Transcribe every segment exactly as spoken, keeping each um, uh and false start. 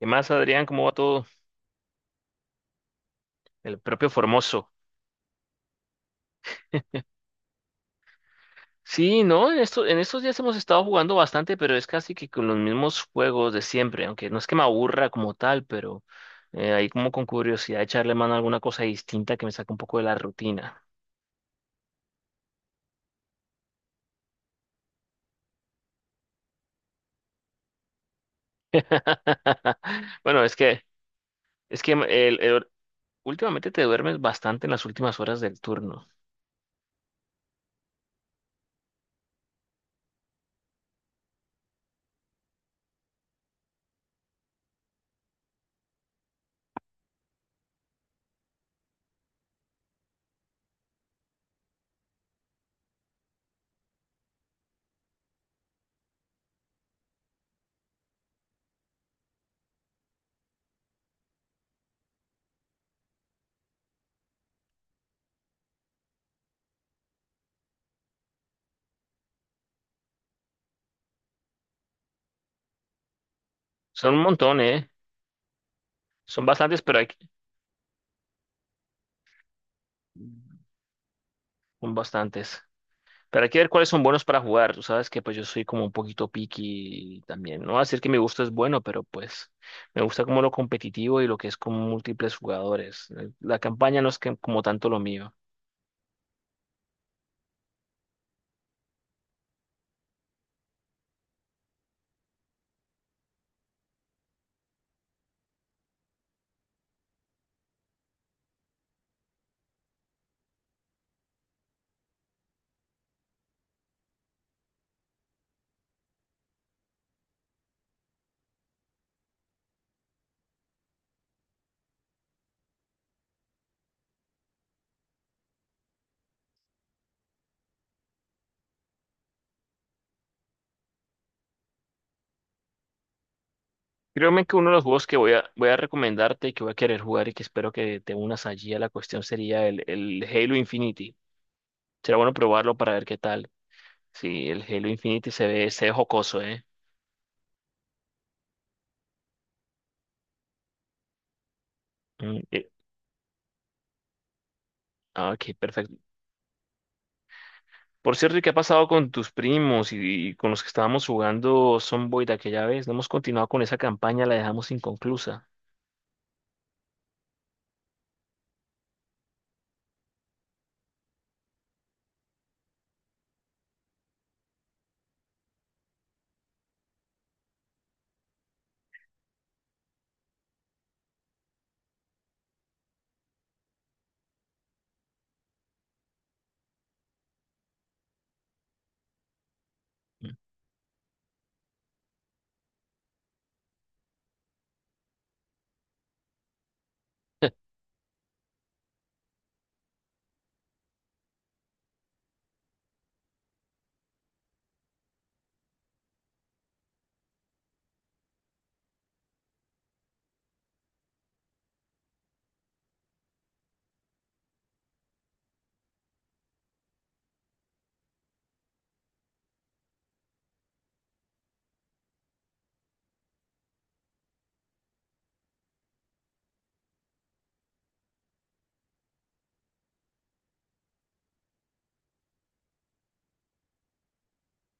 ¿Qué más, Adrián? ¿Cómo va todo? El propio Formoso. Sí, no, en esto- en estos días hemos estado jugando bastante, pero es casi que con los mismos juegos de siempre, aunque no es que me aburra como tal, pero eh, ahí como con curiosidad echarle mano a alguna cosa distinta que me saque un poco de la rutina. Bueno, es que, es que el- el- últimamente te duermes bastante en las últimas horas del turno. Son un montón, ¿eh? Son bastantes, pero hay, que- son bastantes. Pero hay que ver cuáles son buenos para jugar. Tú sabes que pues yo soy como un poquito picky también. No voy a decir que mi gusto es bueno, pero pues me gusta como lo competitivo y lo que es con múltiples jugadores. Eh, La campaña no es que- como tanto lo mío. Créeme que uno de los juegos que voy a, voy a recomendarte y que voy a querer jugar y que espero que te unas allí a la cuestión sería el, el Halo Infinity. Será bueno probarlo para ver qué tal. Sí, el Halo Infinity se ve, se ve jocoso, ¿eh? Mm, eh, ah, ok, perfecto. Por cierto, ¿y qué ha pasado con tus primos y, y con los que estábamos jugando Sonboy de aquella vez? No hemos continuado con esa campaña, la dejamos inconclusa. Mm.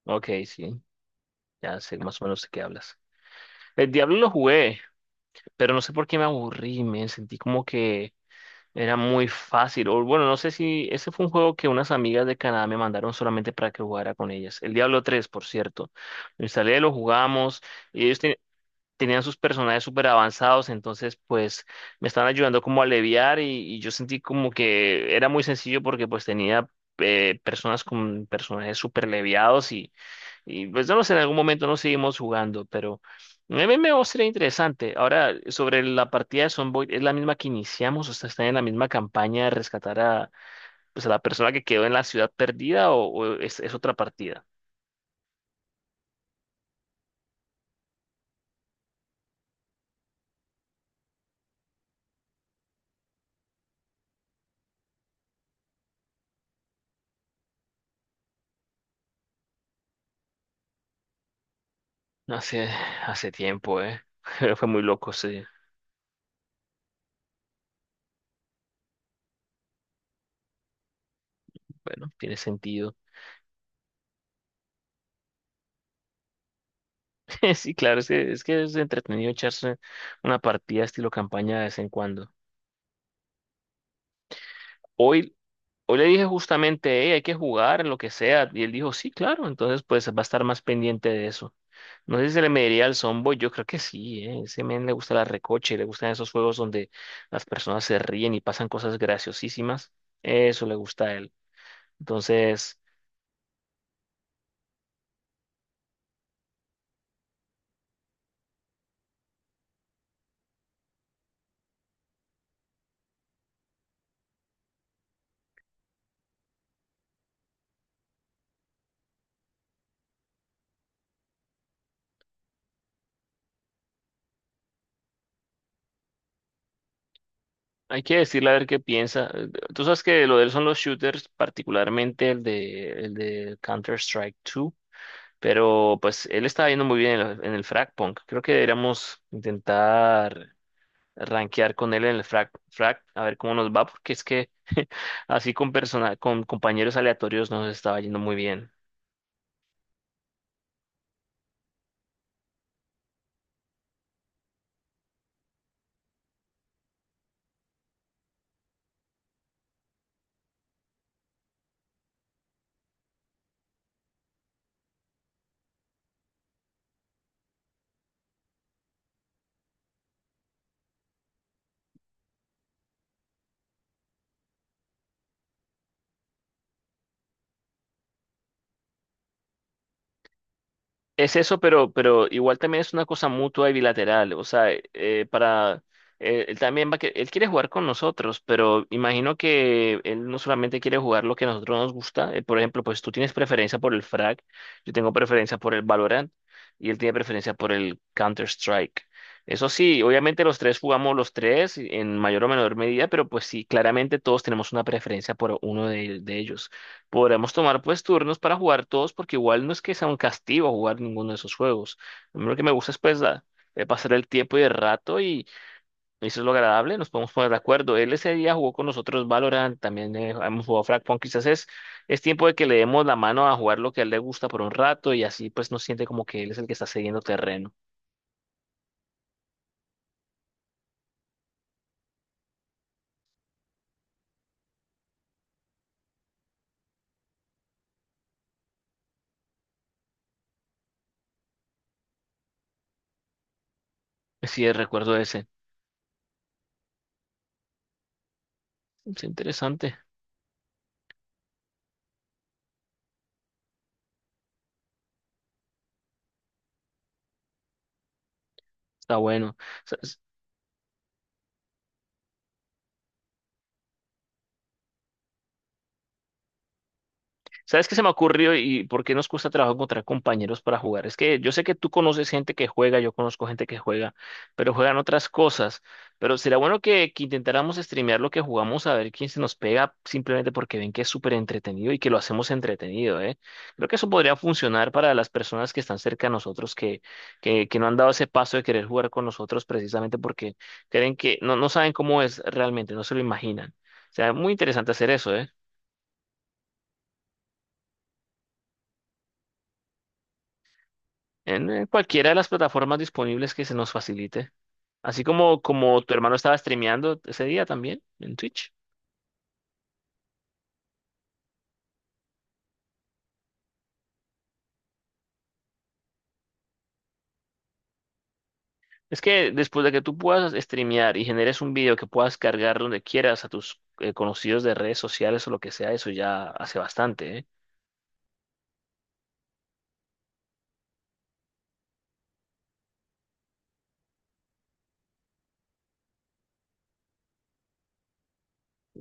Ok, sí, ya sé más o menos de qué hablas. El Diablo lo jugué, pero no sé por qué me aburrí, me sentí como que era muy fácil. O bueno, no sé si ese fue un juego que unas amigas de Canadá me mandaron solamente para que jugara con ellas. El Diablo tres, por cierto. Lo instalé, lo jugamos y ellos, ten- tenían sus personajes súper avanzados, entonces pues me estaban ayudando como a aliviar y, y yo sentí como que era muy sencillo porque pues tenía eh, personas con personajes súper leviados y, y pues no lo sé, en algún momento nos seguimos jugando, pero M M O sería interesante. Ahora, sobre la partida de Sonboy, ¿es la misma que iniciamos? O sea, ¿están en la misma campaña de rescatar a, pues, a la persona que quedó en la ciudad perdida o, o es, es otra partida? Hace, hace tiempo, ¿eh? Fue muy loco, sí. Bueno, tiene sentido. Sí, claro, es que, es que es entretenido echarse una partida estilo campaña de vez en cuando. Hoy, hoy le dije justamente, hey, hay que jugar, lo que sea, y él dijo, sí, claro, entonces pues va a estar más pendiente de eso. No sé si se le mediría al Zomboy, yo creo que sí, ¿eh? Ese men le gusta la recoche, le gustan esos juegos donde las personas se ríen y pasan cosas graciosísimas. Eso le gusta a él. Entonces, hay que decirle a ver qué piensa. Eh, Tú sabes que lo de él son los shooters, particularmente el de, el de Counter-Strike dos. Pero pues él estaba yendo muy bien en, el en el Frag Punk. Creo que deberíamos intentar rankear con él en el Frag, Frag, a ver cómo nos va, porque es que así con persona, con compañeros aleatorios nos estaba yendo muy bien. Es eso, pero, pero igual también es una cosa mutua y bilateral. O sea, eh, para eh, él también va a que él quiere jugar con nosotros, pero imagino que él no solamente quiere jugar lo que a nosotros nos gusta. Eh, por ejemplo, pues tú tienes preferencia por el Frag, yo tengo preferencia por el Valorant y él tiene preferencia por el Counter-Strike. Eso sí, obviamente los tres jugamos los tres en mayor o menor medida, pero pues sí, claramente todos tenemos una preferencia por uno de de ellos. Podremos tomar pues turnos para jugar todos porque igual no es que sea un castigo jugar ninguno de esos juegos. A mí lo que me gusta es pues la- eh, pasar el tiempo y el rato y eso es lo agradable, nos podemos poner de acuerdo. Él ese día jugó con nosotros Valorant, también eh, hemos jugado Fragpunk, quizás es, es tiempo de que le demos la mano a jugar lo que a él le gusta por un rato y así pues no siente como que él es el que está cediendo terreno. Sí, recuerdo ese. Es interesante, está bueno. ¿Sabes qué se me ocurrió y por qué nos cuesta trabajo encontrar compañeros para jugar? Es que yo sé que tú conoces gente que juega, yo conozco gente que juega, pero juegan otras cosas. Pero será bueno que, que intentáramos streamear lo que jugamos a ver quién se nos pega simplemente porque ven que es súper entretenido y que lo hacemos entretenido, ¿eh? Creo que eso podría funcionar para las personas que están cerca de nosotros, que, que, que no han dado ese paso de querer jugar con nosotros precisamente porque creen que no, no saben cómo es realmente, no se lo imaginan. O sea, muy interesante hacer eso, ¿eh? En eh, cualquiera de las plataformas disponibles que se nos facilite. Así como, como tu hermano estaba streameando ese día también en Twitch. Es que después de que tú puedas streamear y generes un video que puedas cargar donde quieras a tus eh, conocidos de redes sociales o lo que sea, eso ya hace bastante, ¿eh?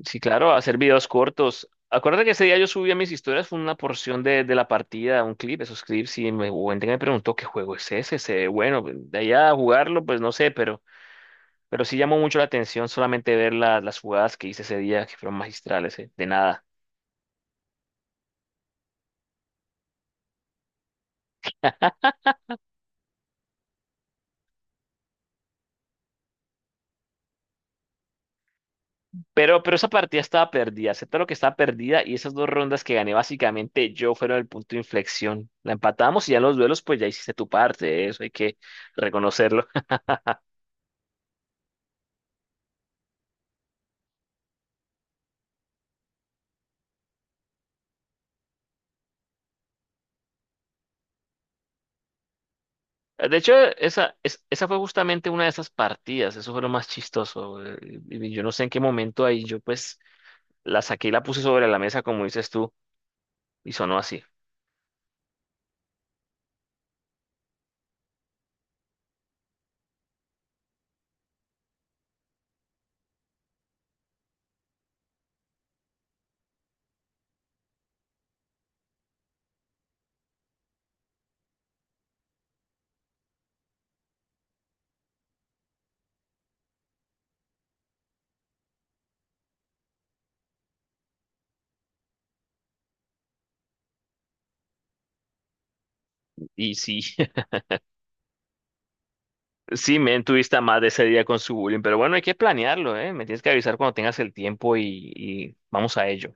Sí, claro, hacer videos cortos. Acuérdate que ese día yo subí a mis historias, fue una porción de, de la partida, un clip, esos clips, y me, hubo gente que me preguntó qué juego es ese, ese, bueno, pues, de allá a jugarlo, pues no sé, pero Pero sí llamó mucho la atención solamente ver la- las jugadas que hice ese día, que fueron magistrales, eh, de nada. Pero, pero esa partida estaba perdida, acepta lo que estaba perdida y esas dos rondas que gané básicamente yo fueron el punto de inflexión. La empatamos y ya en los duelos pues ya hiciste tu parte, eh, eso hay que reconocerlo. De hecho, esa, es- esa fue justamente una de esas partidas, eso fue lo más chistoso. Eh, y- y yo no sé en qué momento ahí yo pues la saqué y la puse sobre la mesa como dices tú y sonó así. Y sí. Sí, men, tuviste a más de ese día con su bullying, pero bueno, hay que planearlo, ¿eh? Me tienes que avisar cuando tengas el tiempo y, y vamos a ello.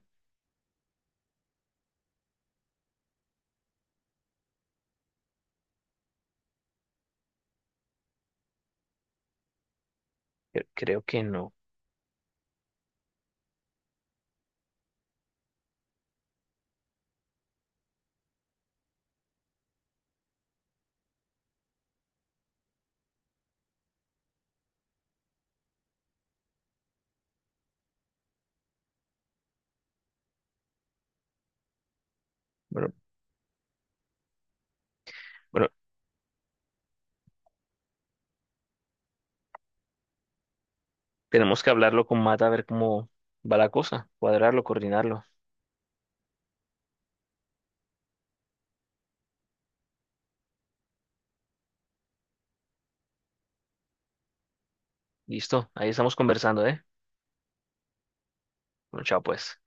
Cre- Creo que no. Bueno, bueno, tenemos que hablarlo con Mata a ver cómo va la cosa, cuadrarlo, coordinarlo. Listo, ahí estamos conversando, ¿eh? Bueno, chao pues.